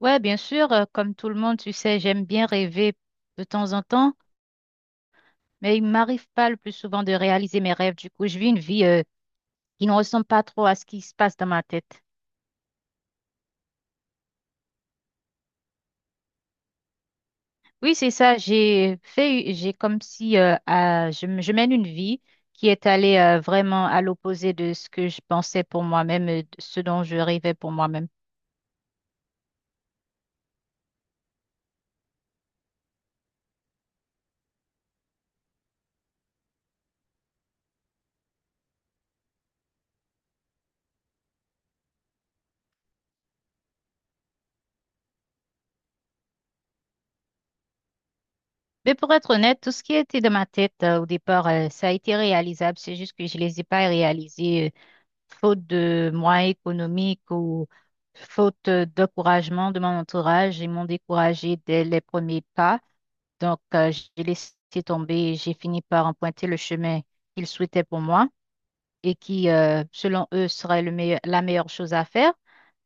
Ouais, bien sûr, comme tout le monde, tu sais, j'aime bien rêver de temps en temps, mais il m'arrive pas le plus souvent de réaliser mes rêves. Du coup, je vis une vie qui ne ressemble pas trop à ce qui se passe dans ma tête. Oui, c'est ça, j'ai comme si je mène une vie qui est allée vraiment à l'opposé de ce que je pensais pour moi-même, de ce dont je rêvais pour moi-même. Mais pour être honnête, tout ce qui était dans ma tête au départ, ça a été réalisable, c'est juste que je les ai pas réalisés. Faute de moyens économiques ou faute d'encouragement de mon entourage, ils m'ont découragé dès les premiers pas. Donc, j'ai laissé tomber et j'ai fini par emprunter le chemin qu'ils souhaitaient pour moi et qui, selon eux, serait la meilleure chose à faire.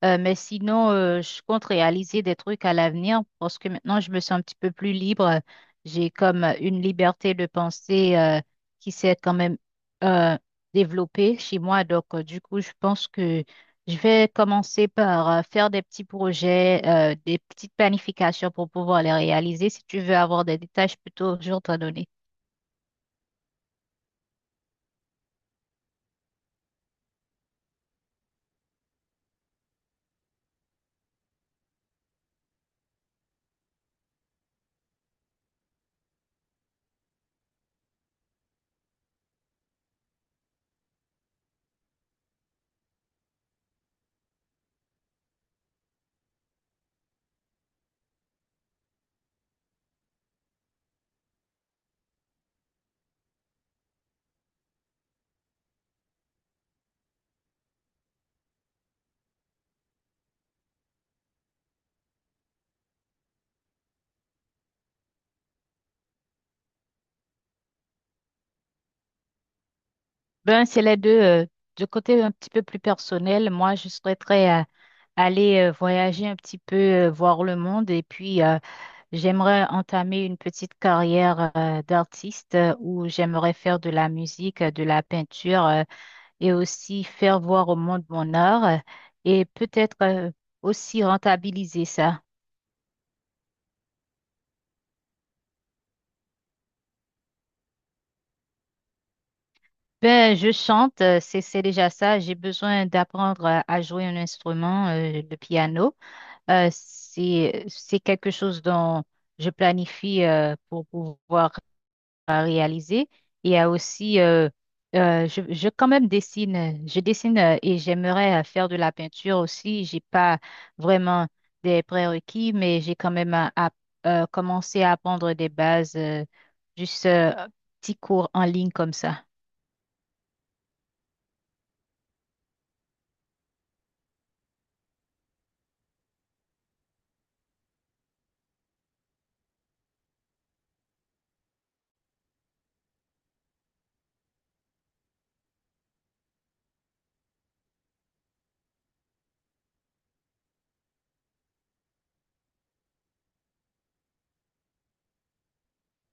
Mais sinon, je compte réaliser des trucs à l'avenir parce que maintenant, je me sens un petit peu plus libre. J'ai comme une liberté de penser qui s'est quand même euh, développée chez moi. Donc, du coup, je pense que je vais commencer par faire des petits projets, des petites planifications pour pouvoir les réaliser. Si tu veux avoir des détails, je peux toujours t'en donner. Ben, c'est les deux. Du côté un petit peu plus personnel, moi, je souhaiterais aller voyager un petit peu, voir le monde. Et puis, j'aimerais entamer une petite carrière d'artiste où j'aimerais faire de la musique, de la peinture et aussi faire voir au monde mon art et peut-être aussi rentabiliser ça. Ben, je chante, c'est déjà ça. J'ai besoin d'apprendre à jouer un instrument, le piano. C'est quelque chose dont je planifie pour pouvoir réaliser. Il y a aussi, je quand même dessine, je dessine et j'aimerais faire de la peinture aussi. J'ai pas vraiment des prérequis, mais j'ai quand même commencé à apprendre des bases, juste petits cours en ligne comme ça.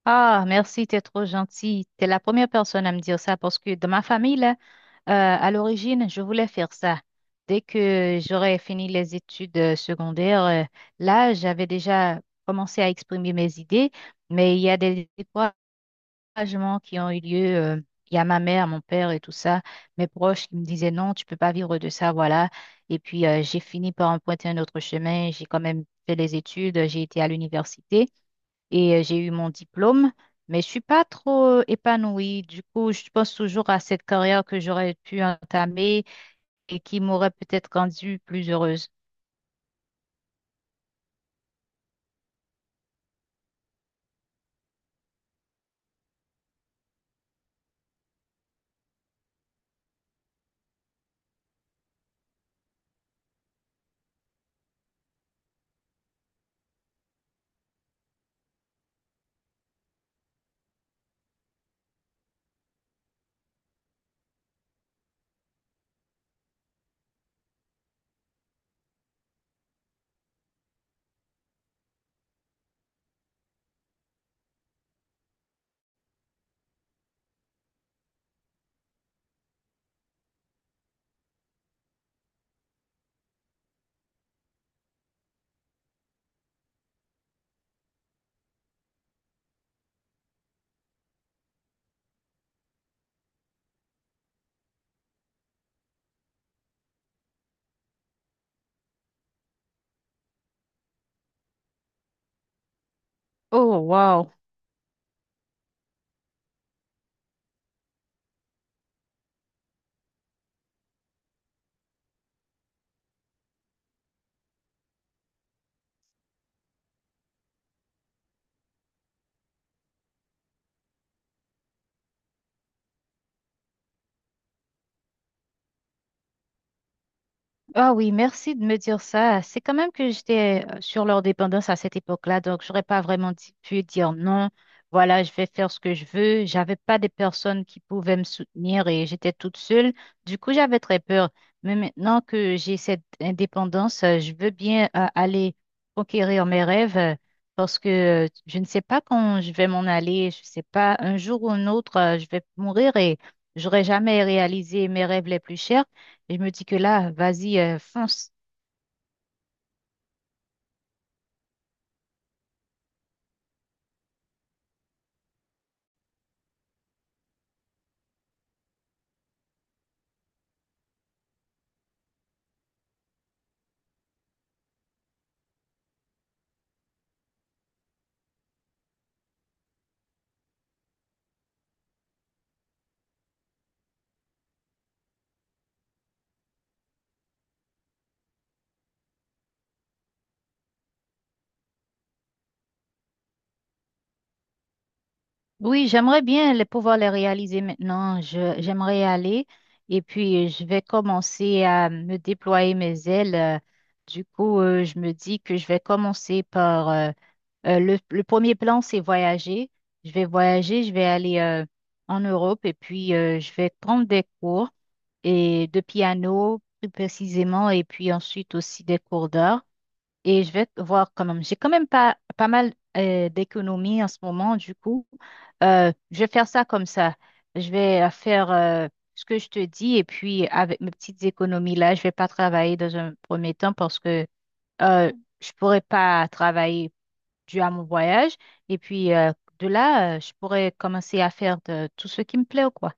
Ah, merci, t'es trop gentil. T'es la première personne à me dire ça parce que dans ma famille, là, euh, à l'origine, je voulais faire ça. Dès que j'aurais fini les études secondaires, là, j'avais déjà commencé à exprimer mes idées, mais il y a des découragements qui ont eu lieu. Il y a ma mère, mon père et tout ça, mes proches qui me disaient non, tu peux pas vivre de ça, voilà. Et puis, j'ai fini par emprunter un autre chemin. J'ai quand même fait les études, j'ai été à l'université et j'ai eu mon diplôme, mais je suis pas trop épanouie. Du coup, je pense toujours à cette carrière que j'aurais pu entamer et qui m'aurait peut-être rendue plus heureuse. Oh, wow! Ah oui, merci de me dire ça. C'est quand même que j'étais sur leur dépendance à cette époque-là, donc j'aurais pas pu dire non. Voilà, je vais faire ce que je veux. J'avais pas des personnes qui pouvaient me soutenir et j'étais toute seule. Du coup, j'avais très peur. Mais maintenant que j'ai cette indépendance, je veux bien aller conquérir mes rêves parce que je ne sais pas quand je vais m'en aller. Je sais pas, un jour ou un autre, je vais mourir et j'aurai jamais réalisé mes rêves les plus chers. Je me dis que là, vas-y, fonce. Oui, j'aimerais bien pouvoir les réaliser maintenant. J'aimerais y aller et puis je vais commencer à me déployer mes ailes. Du coup, je me dis que je vais commencer par le premier plan, c'est voyager. Je vais voyager, je vais aller en Europe et puis je vais prendre des cours et de piano plus précisément et puis ensuite aussi des cours d'art. Et je vais voir quand même. J'ai quand même pas mal d'économies en ce moment, du coup. Je vais faire ça comme ça. Je vais faire ce que je te dis et puis avec mes petites économies là, je vais pas travailler dans un premier temps parce que euh, je pourrais pas travailler dû à mon voyage. Et puis de là, je pourrais commencer à faire de, tout ce qui me plaît, quoi.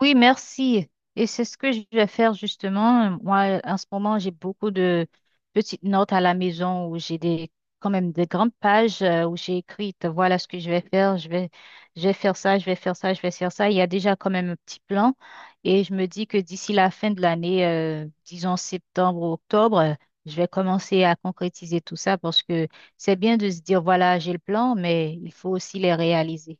Oui, merci. Et c'est ce que je vais faire justement. Moi, en ce moment, j'ai beaucoup de petites notes à la maison où j'ai des, quand même des grandes pages où j'ai écrites, voilà ce que je vais faire, je vais faire ça, je vais faire ça, je vais faire ça. Il y a déjà quand même un petit plan et je me dis que d'ici la fin de l'année, disons septembre ou octobre, je vais commencer à concrétiser tout ça parce que c'est bien de se dire, voilà, j'ai le plan, mais il faut aussi les réaliser.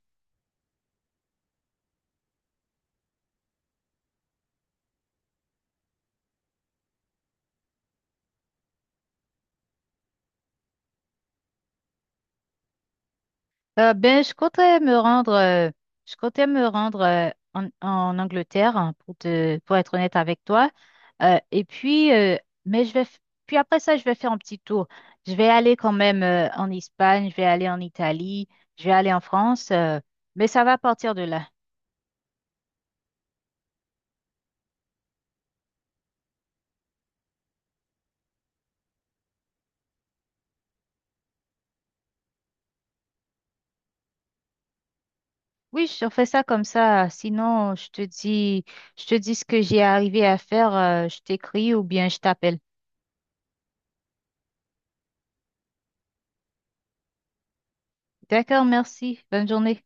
Ben, je comptais me rendre en Angleterre hein, pour être honnête avec toi. Euh, et puis, euh, mais je vais, f- Puis après ça, je vais faire un petit tour. Je vais aller quand même en Espagne, je vais aller en Italie, je vais aller en France. Mais ça va partir de là. Oui, je fais ça comme ça. Sinon, je te dis ce que j'ai arrivé à faire. Je t'écris ou bien je t'appelle. D'accord, merci. Bonne journée.